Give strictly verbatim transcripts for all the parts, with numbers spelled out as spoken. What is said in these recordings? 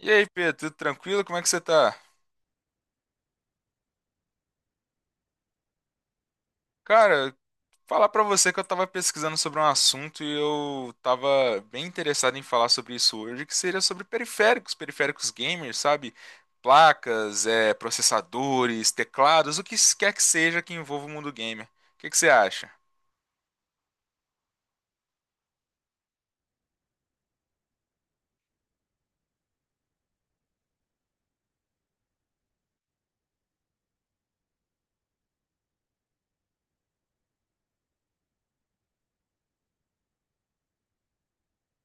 E aí, Pedro, tudo tranquilo? Como é que você tá? Cara, falar pra você que eu tava pesquisando sobre um assunto e eu tava bem interessado em falar sobre isso hoje, que seria sobre periféricos, periféricos gamers, sabe? Placas, eh, processadores, teclados, o que quer que seja que envolva o mundo gamer. O que que você acha?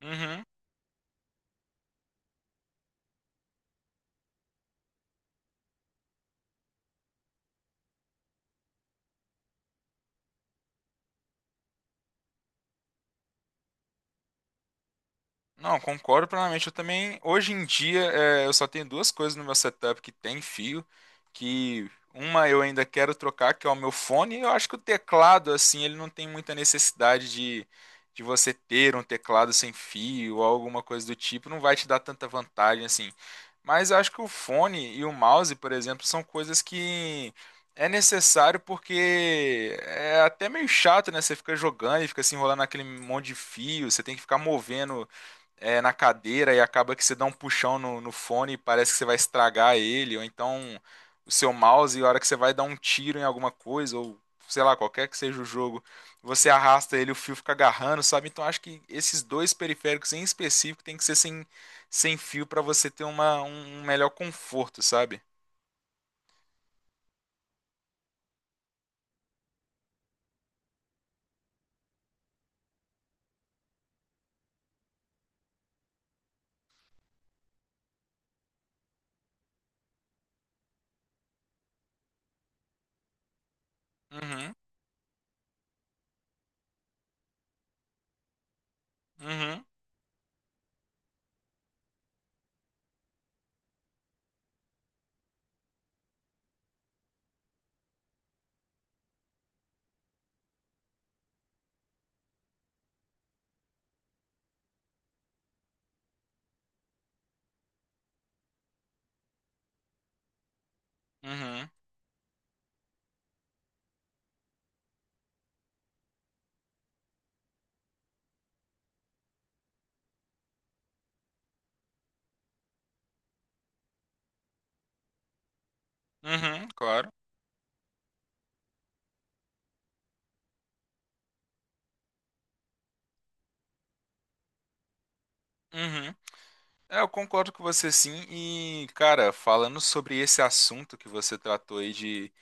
Uhum. Não, concordo plenamente. Eu também, hoje em dia, é, eu só tenho duas coisas no meu setup que tem fio, que uma eu ainda quero trocar, que é o meu fone. Eu acho que o teclado, assim, ele não tem muita necessidade de, de você ter um teclado sem fio ou alguma coisa do tipo, não vai te dar tanta vantagem, assim. Mas eu acho que o fone e o mouse, por exemplo, são coisas que é necessário porque é até meio chato, né? Você fica jogando e fica se enrolando naquele monte de fio, você tem que ficar movendo é, na cadeira e acaba que você dá um puxão no, no fone e parece que você vai estragar ele, ou então o seu mouse, e a hora que você vai dar um tiro em alguma coisa, ou sei lá, qualquer que seja o jogo, você arrasta ele, o fio fica agarrando, sabe? Então acho que esses dois periféricos em específico tem que ser sem, sem fio para você ter uma, um um melhor conforto, sabe? Uhum, uhum, uhum, uhum, claro. Uhum. É, eu concordo com você sim. E, cara, falando sobre esse assunto que você tratou aí de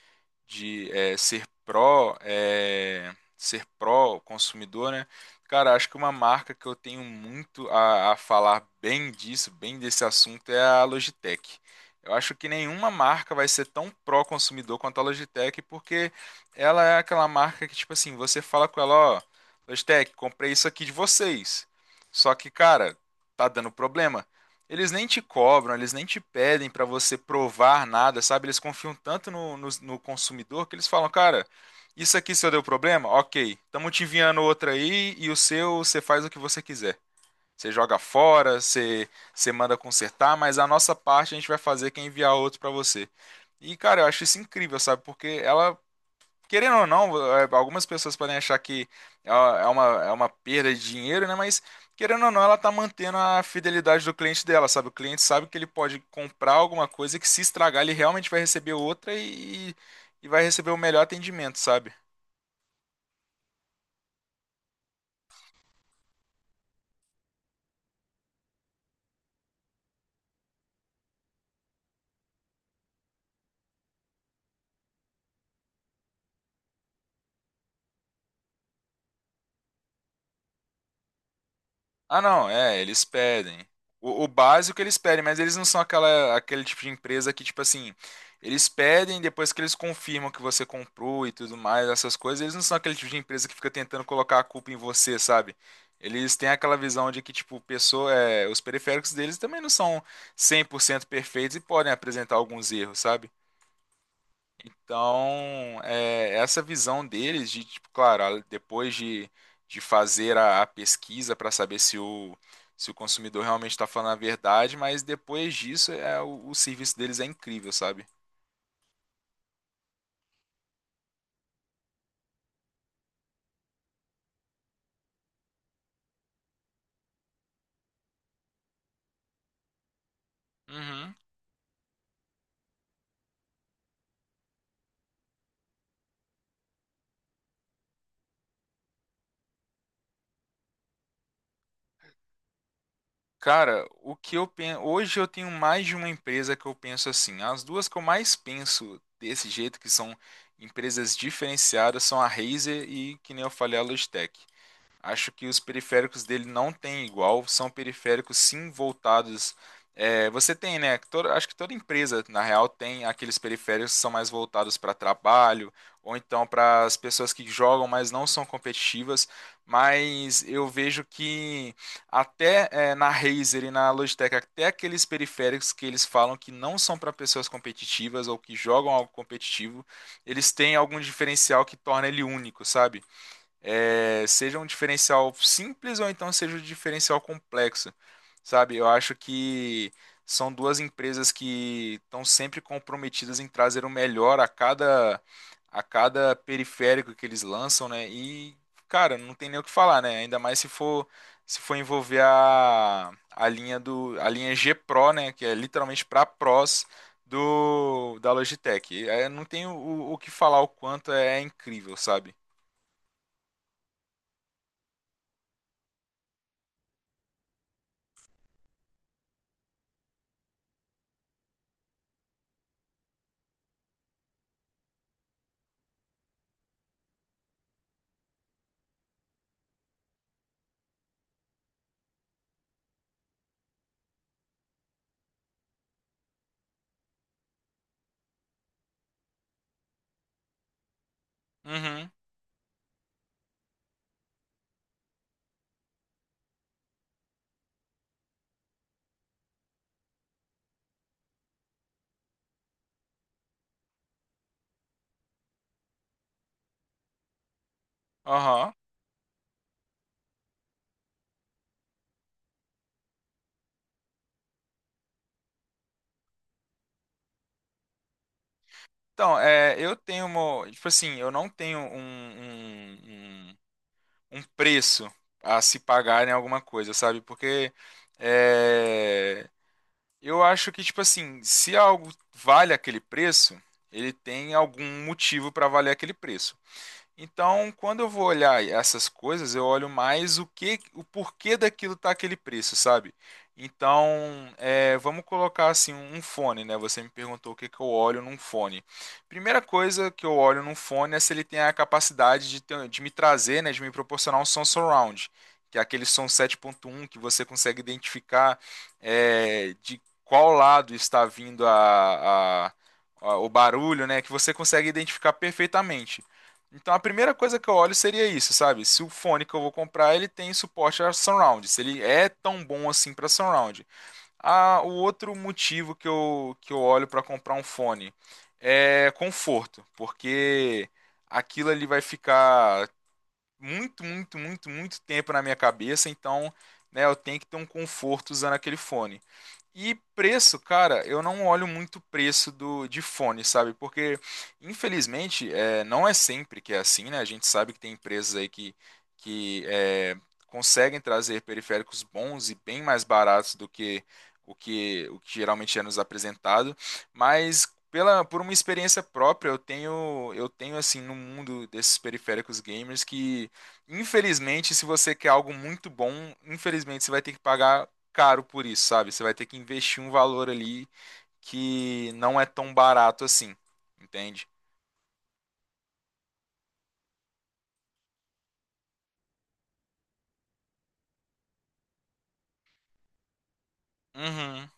de é, ser pró, é, ser pró consumidor, né? Cara, acho que uma marca que eu tenho muito a, a falar bem disso, bem desse assunto, é a Logitech. Eu acho que nenhuma marca vai ser tão pró consumidor quanto a Logitech, porque ela é aquela marca que, tipo assim, você fala com ela, ó, Logitech, comprei isso aqui de vocês. Só que, cara, tá dando problema. Eles nem te cobram, eles nem te pedem para você provar nada, sabe? Eles confiam tanto no, no, no consumidor que eles falam, cara, isso aqui se eu deu problema, ok, estamos te enviando outra aí e o seu você faz o que você quiser. Você joga fora, você, você manda consertar, mas a nossa parte a gente vai fazer que é enviar outro para você. E, cara, eu acho isso incrível, sabe? Porque ela querendo ou não, é, algumas pessoas podem achar que é uma, é uma, é uma perda de dinheiro, né? Mas querendo ou não, ela tá mantendo a fidelidade do cliente dela, sabe? O cliente sabe que ele pode comprar alguma coisa que se estragar, ele realmente vai receber outra e, e vai receber o melhor atendimento, sabe? Ah, não, é, eles pedem. O, o básico eles pedem, mas eles não são aquela, aquele tipo de empresa que, tipo assim, eles pedem depois que eles confirmam que você comprou e tudo mais, essas coisas, eles não são aquele tipo de empresa que fica tentando colocar a culpa em você, sabe? Eles têm aquela visão de que, tipo, pessoa, é, os periféricos deles também não são cem por cento perfeitos e podem apresentar alguns erros, sabe? Então, é, essa visão deles de, tipo, claro, a- depois de, de fazer a, a pesquisa para saber se o, se o consumidor realmente está falando a verdade, mas depois disso é, o, o serviço deles é incrível, sabe? Uhum. Cara, o que eu penso, hoje eu tenho mais de uma empresa que eu penso assim. As duas que eu mais penso desse jeito, que são empresas diferenciadas, são a Razer e, que nem eu falei, a Logitech. Acho que os periféricos dele não tem igual, são periféricos sim voltados. É, você tem, né? Toda- acho que toda empresa, na real, tem aqueles periféricos que são mais voltados para trabalho, ou então para as pessoas que jogam, mas não são competitivas. Mas eu vejo que até é, na Razer e na Logitech, até aqueles periféricos que eles falam que não são para pessoas competitivas ou que jogam algo competitivo, eles têm algum diferencial que torna ele único, sabe? É, seja um diferencial simples ou então seja um diferencial complexo, sabe? Eu acho que são duas empresas que estão sempre comprometidas em trazer o melhor a cada a cada periférico que eles lançam, né? E cara, não tem nem o que falar, né? Ainda mais se for se for envolver a, a linha do a linha G Pro, né? Que é literalmente para pros do da Logitech. É, não tem o, o que falar o quanto é incrível, sabe? Uhum. Aham. Então, é, eu tenho uma. Tipo assim, eu não tenho um, um, um, um preço a se pagar em alguma coisa, sabe? Porque é, eu acho que, tipo assim, se algo vale aquele preço, ele tem algum motivo para valer aquele preço. Então, quando eu vou olhar essas coisas, eu olho mais o que, o porquê daquilo tá aquele preço, sabe? Então, é, vamos colocar assim um um fone, né? Você me perguntou o que que eu olho num fone. Primeira coisa que eu olho num fone é se ele tem a capacidade de, ter- de me trazer, né? De me proporcionar um som surround, que é aquele som sete ponto um que você consegue identificar é, de qual lado está vindo a, a- a- o barulho, né? Que você consegue identificar perfeitamente. Então a primeira coisa que eu olho seria isso, sabe? Se o fone que eu vou comprar ele tem suporte a surround, se ele é tão bom assim para surround. Ah, o outro motivo que eu, que eu olho para comprar um fone é conforto, porque aquilo ali vai ficar muito, muito, muito, muito tempo na minha cabeça, então, né, eu tenho que ter um conforto usando aquele fone. E preço, cara, eu não olho muito o preço do, de fone, sabe? Porque, infelizmente, é, não é sempre que é assim, né? A gente sabe que tem empresas aí que, que é, conseguem trazer periféricos bons e bem mais baratos do que o que, o que geralmente é nos apresentado, mas pela, por uma experiência própria, eu tenho, eu tenho assim, no mundo desses periféricos gamers que infelizmente, se você quer algo muito bom, infelizmente você vai ter que pagar caro por isso, sabe? Você vai ter que investir um valor ali que não é tão barato assim, entende? Uhum,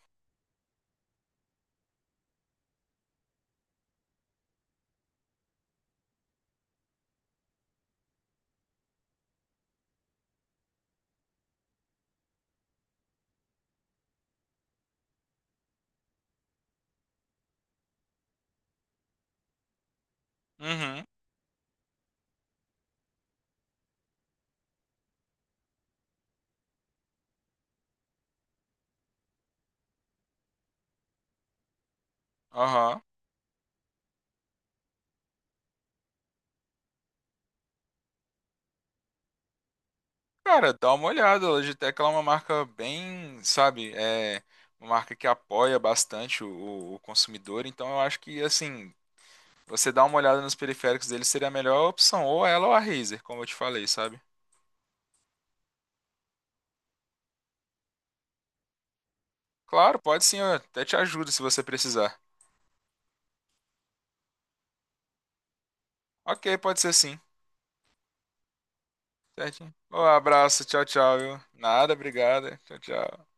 uhum, aham. Cara, dá uma olhada, a Logitech ela é uma marca bem, sabe, é uma marca que apoia bastante o, o- o consumidor, então eu acho que, assim, você dar uma olhada nos periféricos dele seria a melhor opção, ou ela ou a Razer, como eu te falei, sabe? Claro, pode sim, eu até te ajudo se você precisar. Ok, pode ser sim. Certinho. Um abraço, tchau, tchau, viu? Nada, obrigado. Tchau, tchau.